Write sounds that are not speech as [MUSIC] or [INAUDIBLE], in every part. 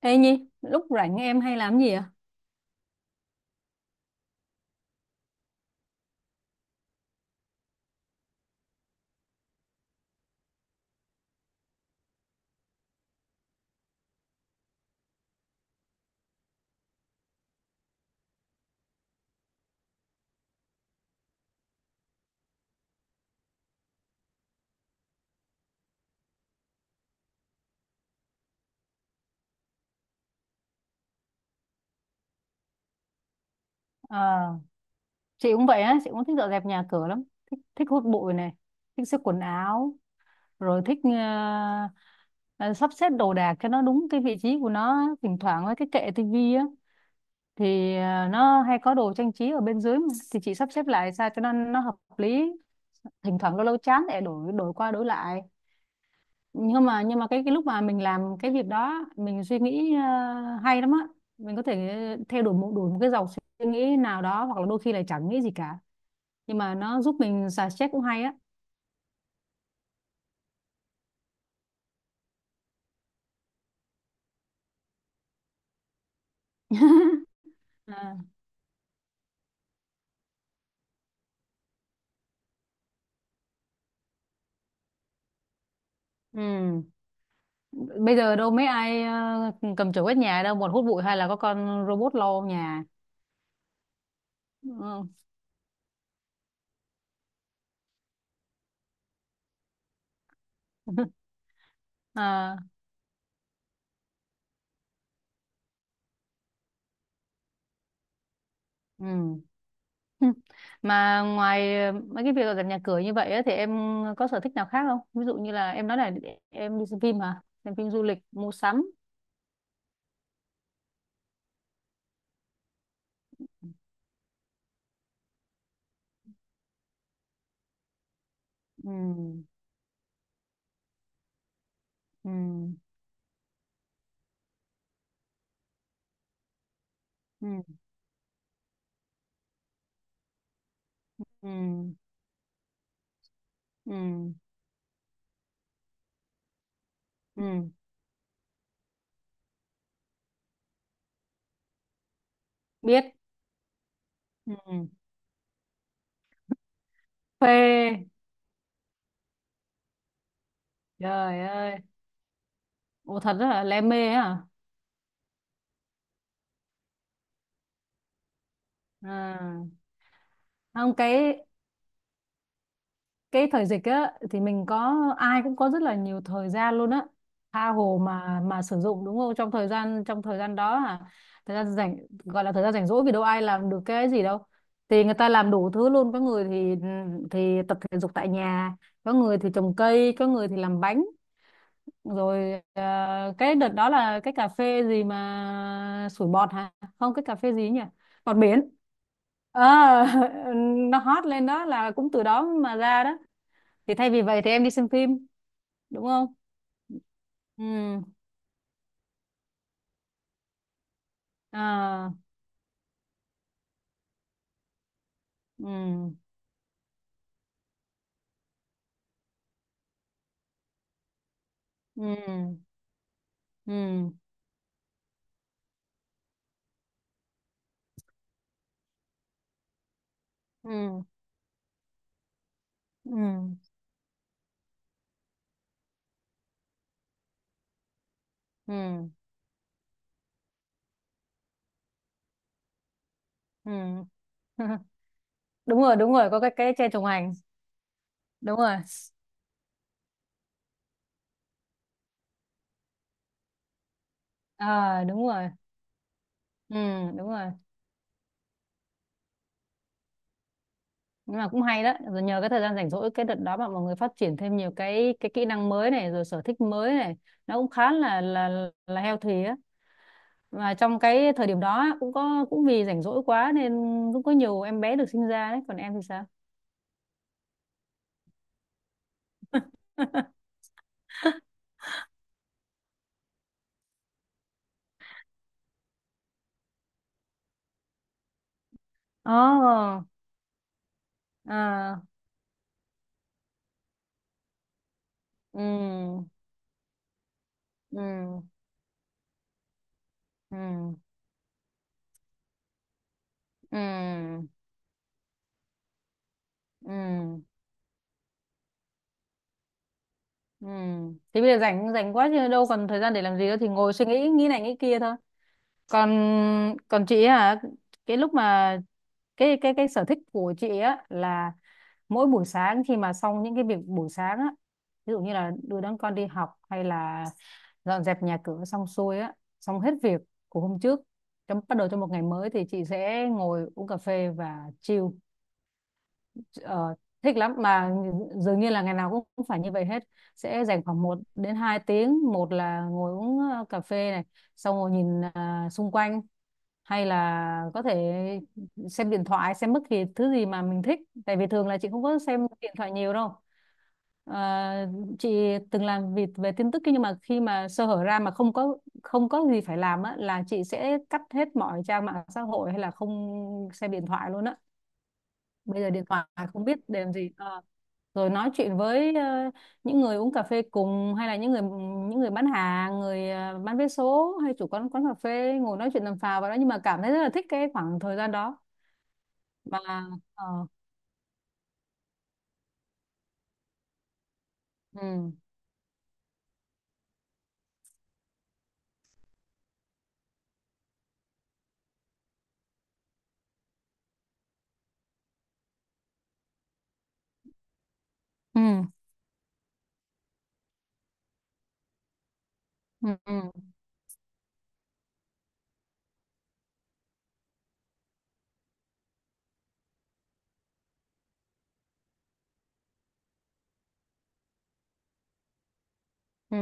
Ê Nhi, lúc rảnh em hay làm gì à? Ờ, chị cũng vậy á, chị cũng thích dọn dẹp nhà cửa lắm. Thích hút bụi này, thích xếp quần áo, rồi thích ờ, sắp xếp đồ đạc cho nó đúng cái vị trí của nó. Thỉnh thoảng với cái kệ tivi á, thì nó hay có đồ trang trí ở bên dưới mà. Thì chị sắp xếp lại sao cho nó hợp lý. Thỉnh thoảng lâu lâu chán để đổi đổi qua đổi lại. Nhưng mà cái lúc mà mình làm cái việc đó mình suy nghĩ hay lắm á, mình có thể theo đuổi một cái dòng suy nghĩ nào đó, hoặc là đôi khi là chẳng nghĩ gì cả, nhưng mà nó giúp mình xả stress cũng hay á. [LAUGHS] À, ừ. Bây giờ đâu mấy ai cầm chổi quét nhà đâu, một hút bụi hay là có con robot lau nhà. Ừ. [LAUGHS] À, ừ. Ừ. Mà ngoài mấy cái việc dọn nhà cửa như vậy á, thì em có sở thích nào khác không? Ví dụ như là em nói là em đi xem phim hả? Xem phim, du lịch, mua sắm. Ừ. Ừ. Ừ. Ừ. Ừ. Ừ. Biết. Ừ. Phê. Trời ơi. Ủa thật rất là lem mê ấy hả? À. Không, cái thời dịch á thì mình có ai cũng có rất là nhiều thời gian luôn á, tha hồ mà sử dụng đúng không, trong thời gian đó à, thời gian rảnh, gọi là thời gian rảnh rỗi vì đâu ai làm được cái gì đâu, thì người ta làm đủ thứ luôn, có người thì tập thể dục tại nhà, có người thì trồng cây, có người thì làm bánh, rồi cái đợt đó là cái cà phê gì mà sủi bọt hả, không cái cà phê gì nhỉ, bọt biển. Ờ, [LAUGHS] nó hot lên đó là cũng từ đó mà ra đó, thì thay vì vậy thì em đi xem phim, đúng không. Ừ. À. Ừ. Ừ. Ừ. Ừ. Ừ. Ừ. Ừ. [LAUGHS] Đúng rồi, đúng rồi, có cái tre trồng hành. Đúng rồi. À, đúng rồi. Ừ, đúng rồi. Nhưng mà cũng hay đó, rồi nhờ cái thời gian rảnh rỗi cái đợt đó mà mọi người phát triển thêm nhiều cái kỹ năng mới này, rồi sở thích mới này, nó cũng khá là healthy á. Và trong cái thời điểm đó á, cũng vì rảnh rỗi quá nên cũng có nhiều em bé được sinh ra đấy, còn em thì sao? [LAUGHS] Ồ, à, ừ, ừ, ừ, ừ, ừ, ừ. Thế bây giờ rảnh rảnh quá chứ đâu còn thời gian để làm gì nữa thì ngồi suy nghĩ, nghĩ này nghĩ kia thôi. Còn còn chị ấy hả? Cái lúc mà, cái sở thích của chị á là mỗi buổi sáng khi mà xong những cái việc buổi sáng á, ví dụ như là đưa đón con đi học hay là dọn dẹp nhà cửa xong xuôi á, xong hết việc của hôm trước, trong bắt đầu cho một ngày mới thì chị sẽ ngồi uống cà phê và chill. Ờ, Thích lắm mà, dường như là ngày nào cũng phải như vậy hết, sẽ dành khoảng 1 đến 2 tiếng, một là ngồi uống cà phê này, xong ngồi nhìn xung quanh, hay là có thể xem điện thoại, xem bất kỳ thứ gì mà mình thích, tại vì thường là chị không có xem điện thoại nhiều đâu. Ờ, chị từng làm việc về tin tức nhưng mà khi mà sơ hở ra mà không có gì phải làm á là chị sẽ cắt hết mọi trang mạng xã hội hay là không xem điện thoại luôn á, bây giờ điện thoại không biết để làm gì. Ờ Rồi nói chuyện với những người uống cà phê cùng, hay là những người bán hàng, người bán vé số, hay chủ quán quán cà phê ngồi nói chuyện tầm phào vào đó, nhưng mà cảm thấy rất là thích cái khoảng thời gian đó mà. ờ, ừ, ừ, ừ, ừ, ừ,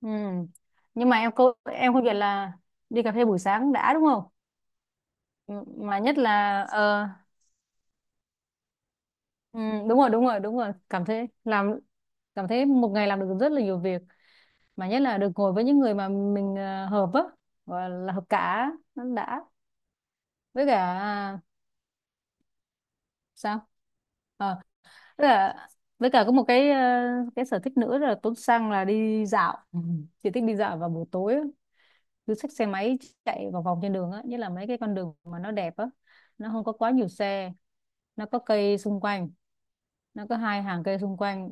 ừ. Nhưng mà em cô em không biết là đi cà phê buổi sáng đã, đúng không? Ừ, mà nhất là ừ, đúng rồi, đúng rồi, đúng rồi, cảm thấy một ngày làm được rất là nhiều việc, mà nhất là được ngồi với những người mà mình hợp á, gọi là hợp cả, nó đã. Với cả, à, sao? Ờ, với cả với cả có một cái cái sở thích nữa là Tuấn Sang là đi dạo. Ừ. Chị thích đi dạo vào buổi tối á, cứ xách xe máy chạy vòng vòng trên đường á, nhất là mấy cái con đường mà nó đẹp á, nó không có quá nhiều xe, nó có cây xung quanh, nó có hai hàng cây xung quanh,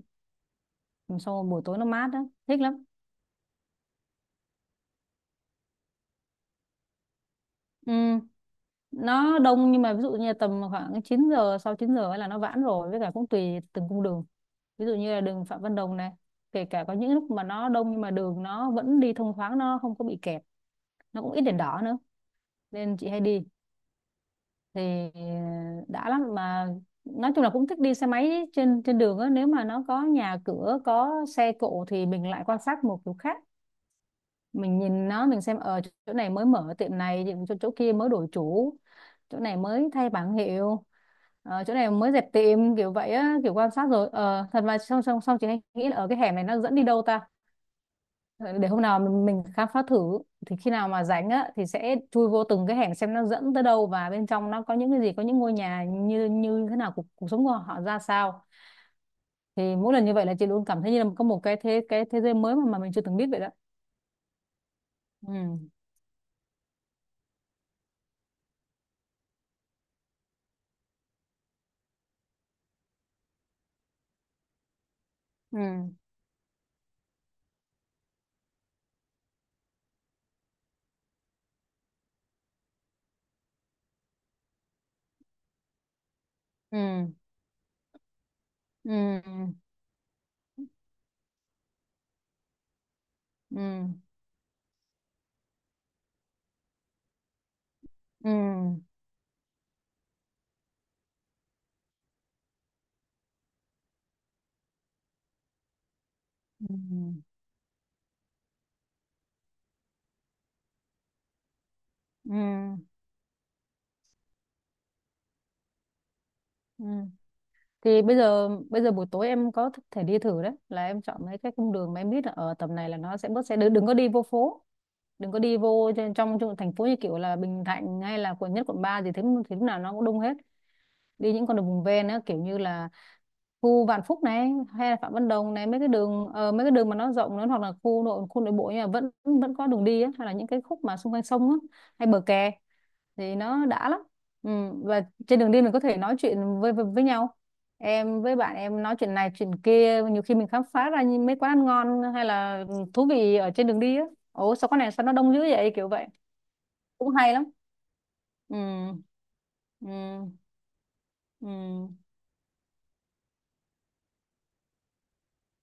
sau buổi tối nó mát á, thích lắm. Ừ, nó đông, nhưng mà ví dụ như là tầm khoảng 9 giờ, sau 9 giờ ấy là nó giãn rồi, với cả cũng tùy từng cung đường. Ví dụ như là đường Phạm Văn Đồng này, kể cả có những lúc mà nó đông nhưng mà đường nó vẫn đi thông thoáng, nó không có bị kẹt, nó cũng ít đèn đỏ nữa, nên chị hay đi. Thì đã lắm mà, nói chung là cũng thích đi xe máy trên trên đường á, nếu mà nó có nhà cửa, có xe cộ thì mình lại quan sát một kiểu khác, mình nhìn nó, mình xem ở chỗ này mới mở tiệm này, chỗ kia mới đổi chủ, chỗ này mới thay bảng hiệu, chỗ này mới dẹp tiệm, kiểu vậy á, kiểu quan sát, rồi thật mà, xong xong xong chị hay nghĩ là ở cái hẻm này nó dẫn đi đâu ta. Ờ, để hôm nào mình khám phá thử, thì khi nào mà rảnh á thì sẽ chui vô từng cái hẻm, xem nó dẫn tới đâu và bên trong nó có những cái gì, có những ngôi nhà như như thế nào, cuộc sống của họ ra sao, thì mỗi lần như vậy là chị luôn cảm thấy như là có một cái thế giới mới mà mình chưa từng biết vậy đó. Ừ. Ừ. Ừ. Ừ. Ừ. Ừ. Ừ. Ừ. Ừ. Thì bây giờ buổi tối em có thể đi thử đấy, là em chọn mấy cái cung đường mà em biết là ở tầm này là nó sẽ bớt xe, đừng có đi vô phố, đừng có đi vô trong thành phố như kiểu là Bình Thạnh hay là quận nhất, quận ba gì thế, thì lúc nào nó cũng đông hết. Đi những con đường vùng ven á, kiểu như là khu Vạn Phúc này hay là Phạm Văn Đồng này, mấy cái đường mà nó rộng nữa, hoặc là khu nội bộ nhưng mà vẫn vẫn có đường đi á, hay là những cái khúc mà xung quanh sông á, hay bờ kè, thì nó đã lắm. Ừ. Và trên đường đi mình có thể nói chuyện với nhau, em với bạn em nói chuyện này chuyện kia, nhiều khi mình khám phá ra những mấy quán ăn ngon hay là thú vị ở trên đường đi á, ồ sao quán này sao nó đông dữ vậy, kiểu vậy, cũng hay lắm. Ừ. Ừ. Ừ.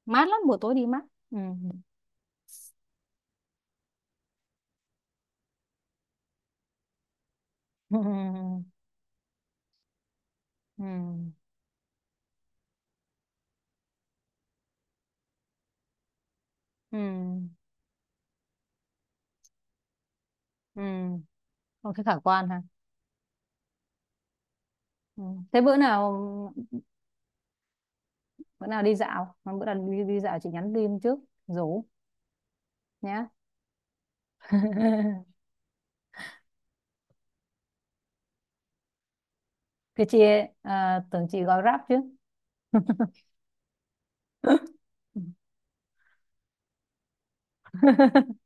Mát lắm, buổi tối đi mát. Ừ. [LAUGHS] Ừ. Ừ. Ừ. Ừ. Không thấy khả quan ha. Ừ. Thế bữa nào đi dạo, bữa nào đi dạo chị nhắn tin trước, rủ nhá. [LAUGHS] Thưa chị. À, tưởng chị gọi Grab chứ. [LAUGHS]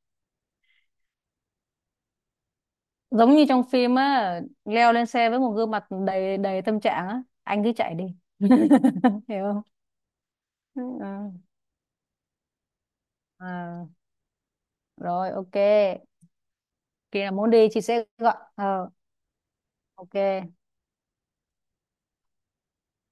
Giống như trong phim á, leo lên xe với một gương mặt đầy đầy tâm trạng á, anh cứ chạy đi. [LAUGHS] Hiểu không. Ừ. À, rồi ok, khi nào muốn đi chị sẽ gọi ok.